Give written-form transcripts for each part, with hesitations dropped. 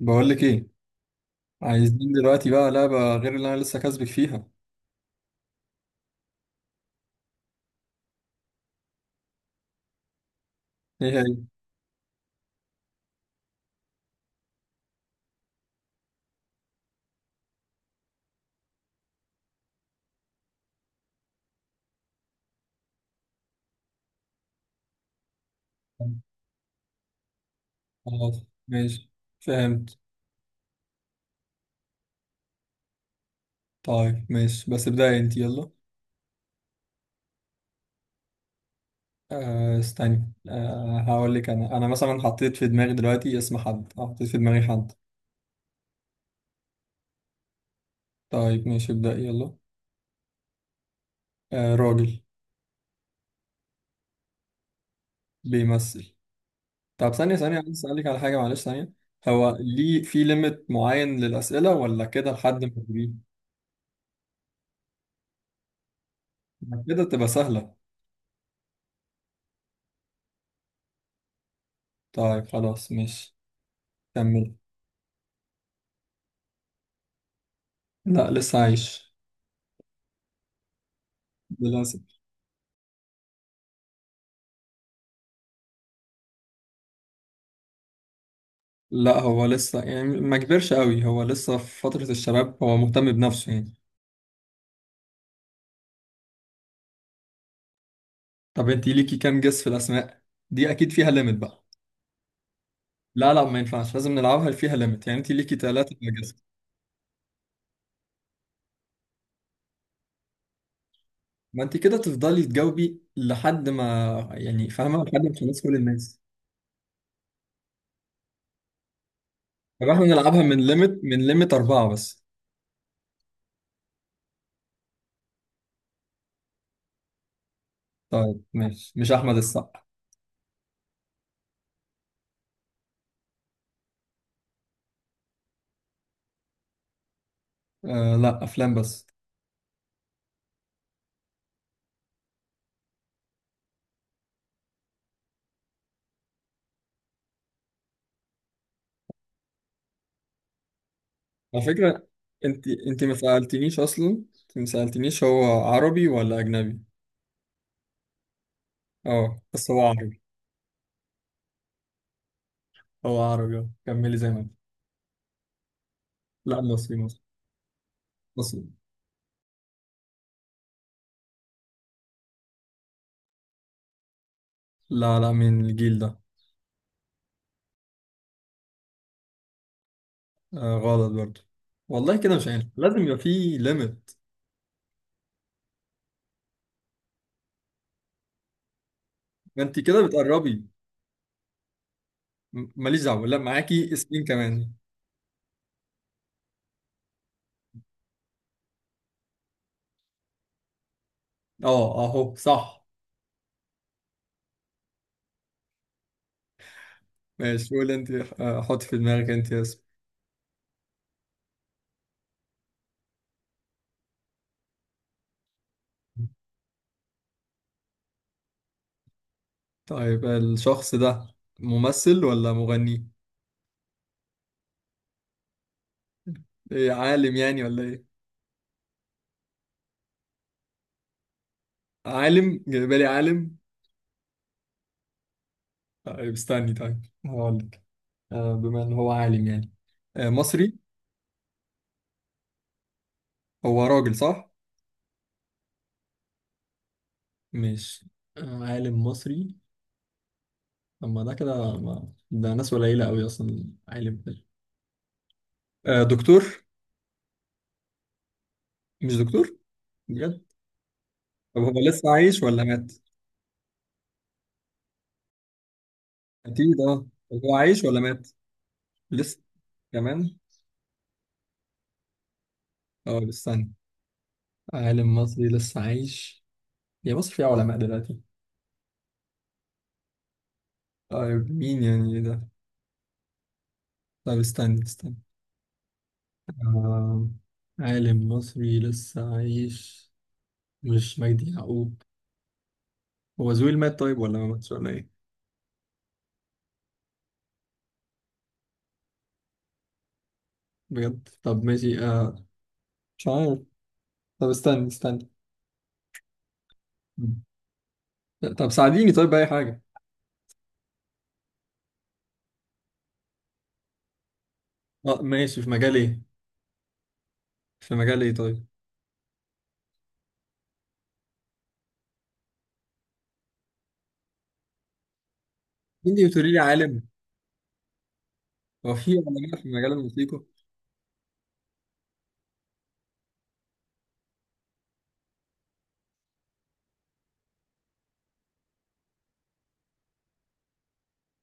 بقول لك ايه؟ عايزين دلوقتي بقى لعبة غير اللي انا لسه كاسبك فيها. ايه هي؟ خلاص ماشي، فهمت. طيب ماشي بس ابدأي انت، يلا. آه استني، آه هقول لك، انا مثلا حطيت في دماغي دلوقتي اسم حد، آه، حطيت في دماغي حد. طيب ماشي، ابدأي يلا. آه راجل. بيمثل. طب ثانية ثانية، عايز اسألك على حاجة، معلش ثانية. هو ليه في ليميت معين للأسئلة ولا كده لحد ما تجيب؟ كده تبقى سهلة. طيب خلاص ماشي. كمل. لا لسه عايش. للأسف. لا، هو لسه يعني ما كبرش قوي، هو لسه في فترة الشباب، هو مهتم بنفسه يعني. طب انت ليكي كام جس في الأسماء؟ دي أكيد فيها ليميت بقى. لا لا، ما ينفعش، لازم نلعبها فيها ليميت، يعني انت ليكي ثلاثة جس. ما انت كده تفضلي تجاوبي لحد ما، يعني فاهمة، لحد ما خلاص كل الناس. طب احنا نلعبها من ليميت، من ليميت أربعة بس. طيب ماشي، مش أحمد السقا. آه لا، أفلام بس. على فكرة، انت ما سألتنيش أصلا، انت ما سألتنيش هو عربي ولا أجنبي. اه بس هو عربي. هو عربي اه، كملي زي ما انت. لا مصري، مصري، مصري. لا لا، من الجيل ده. آه غلط برضو. والله كده مش عارف، لازم يبقى في ليميت. انت كده بتقربي. ماليش دعوة، لا معاكي اسمين كمان. اه اهو صح. ماشي، قول انت. آه، حط في دماغك انت اسم. طيب الشخص ده ممثل ولا مغني؟ ايه، عالم يعني ولا ايه؟ عالم جايبالي، عالم؟ طيب استني، طيب هقولك. آه بما ان هو عالم يعني. آه مصري. هو راجل صح؟ مش عالم مصري. اما ده كده ما... ده ناس قليلة قوي اصلا عالم ده. آه دكتور. مش دكتور؟ بجد؟ طب هو لسه عايش ولا مات؟ أكيد أه. طب هو عايش ولا مات؟ لسه كمان؟ أه استنى، عالم مصري لسه عايش، يا مصر فيها علماء دلوقتي. طيب مين يعني، إيه ده؟ طب استنى استنى. آه، عالم مصري لسه عايش، مش مجدي يعقوب. هو زويل مات طيب ولا ما ماتش ولا ايه؟ بجد؟ طب ماشي، آه، مش عارف. طب استنى استنى. مم. طب ساعديني طيب بأي حاجة. اه ماشي، في مجال ايه؟ في مجال ايه طيب؟ مين اللي بتقولي لي عالم؟ هو في علماء في مجال الموسيقى؟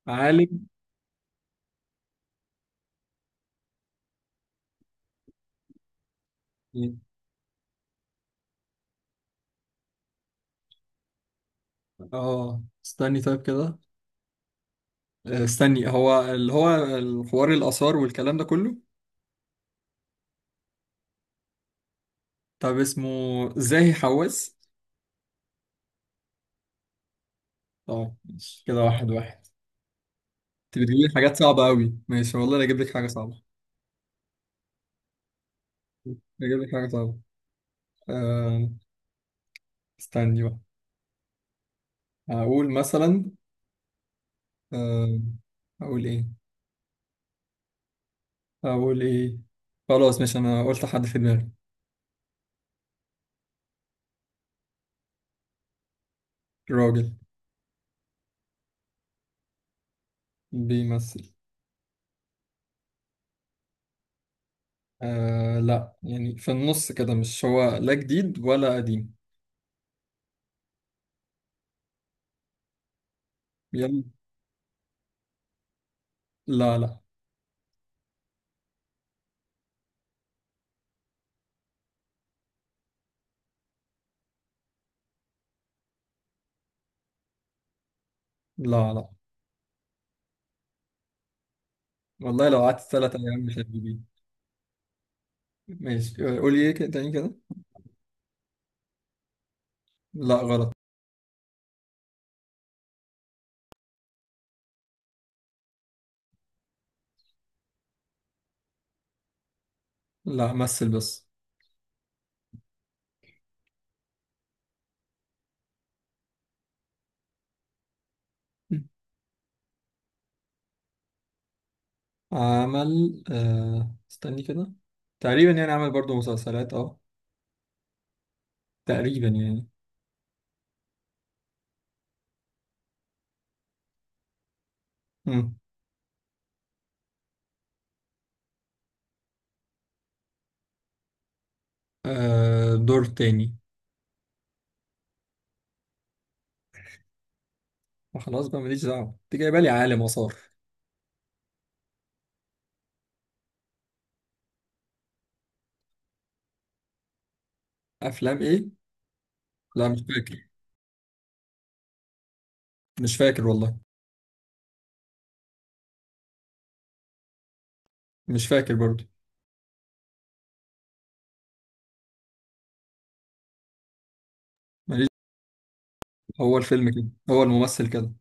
عالم؟ إيه؟ اه استني طيب كده. آه، استني، هو اللي هو الحوار الآثار والكلام ده كله. طب اسمه زاهي حواس؟ طب ماشي، كده واحد واحد. انت بتجيبي لي حاجات صعبة أوي، ماشي والله انا اجيب لك حاجة صعبة. اجيب لك حاجة صعبة. آه، استني بقى. هقول مثلا، آه، هقول ايه؟ أقول إيه؟ خلاص مش أنا قلت حد في دماغي. راجل. بيمثل. آه لا، يعني في النص كده، مش هو لا جديد ولا قديم. يلا. لا لا. لا لا. والله لو قعدت تلات أيام مش هتجيبيه. ماشي. آه، قولي إيه كده تاني كده. لا غلط. لا مثل بس. عمل، آه استني كده، تقريبا يعني عمل برضو مسلسلات اه، تقريبا يعني. مم. آه دور تاني. ما خلاص بقى ماليش دعوة، انت جايبه لي عالم وصار. افلام ايه؟ لا مش فاكر. مش فاكر والله. مش فاكر برضو. ماليش. هو الفيلم كده. هو الممثل كده.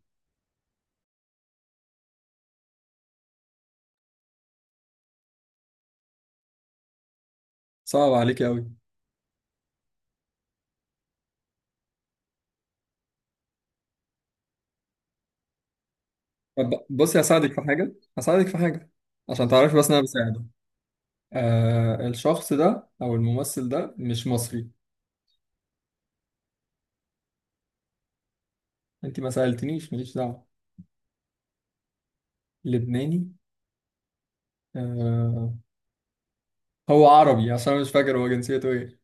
صعب عليك قوي. طب بصي هساعدك في حاجة، هساعدك في حاجة عشان تعرفي بس إن أنا بساعده. آه الشخص ده أو الممثل ده مش مصري. أنت ما سألتنيش، ماليش دعوة. لبناني. آه، هو عربي، عشان أنا مش فاكر هو جنسيته إيه.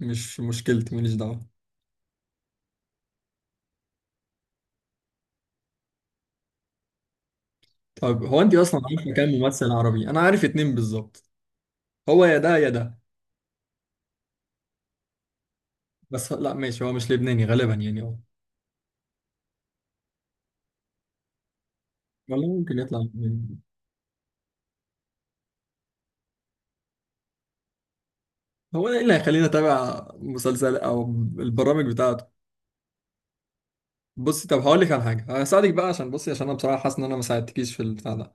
مش مشكلتي، ماليش دعوة. طب هو أنت أصلا عارفة كام ممثل عربي؟ أنا عارف 2 بالظبط. هو يا ده يا ده. بس لا ماشي، هو مش لبناني غالبا يعني. والله ممكن يطلع هو ايه اللي هيخليني اتابع مسلسل او البرامج بتاعته؟ بصي طب هقول لك على حاجه، هساعدك بقى، عشان بصي، عشان انا بصراحه حاسس ان انا ما ساعدتكيش في البتاع ده.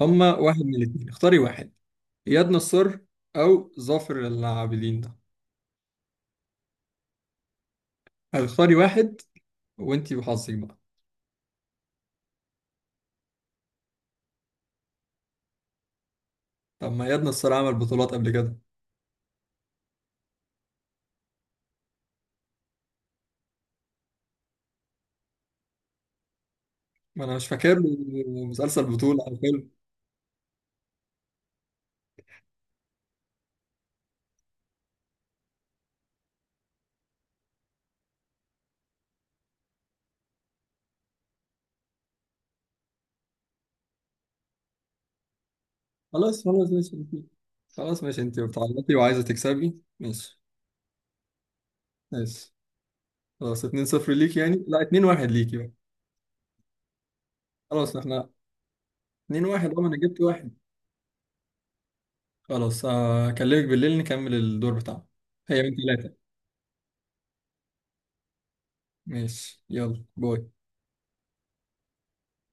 هما واحد من الاثنين، اختاري واحد. اياد نصار او ظافر العابدين ده. هتختاري واحد، وانتي وحظك بقى. طب ما اياد نصار عمل بطولات قبل كده. ما انا مش فاكر له مسلسل بطوله او فيلم. خلاص خلاص ماشي انتي. خلاص ماشي انتي بتعيطي وعايزه تكسبي. ماشي. ماشي. خلاص 2-0 ليك يعني، لا 2-1 ليك. خلاص احنا 2-1، اه انا جبت واحد. خلاص هكلمك بالليل نكمل الدور بتاعنا. هي من 3. ماشي يلا، باي.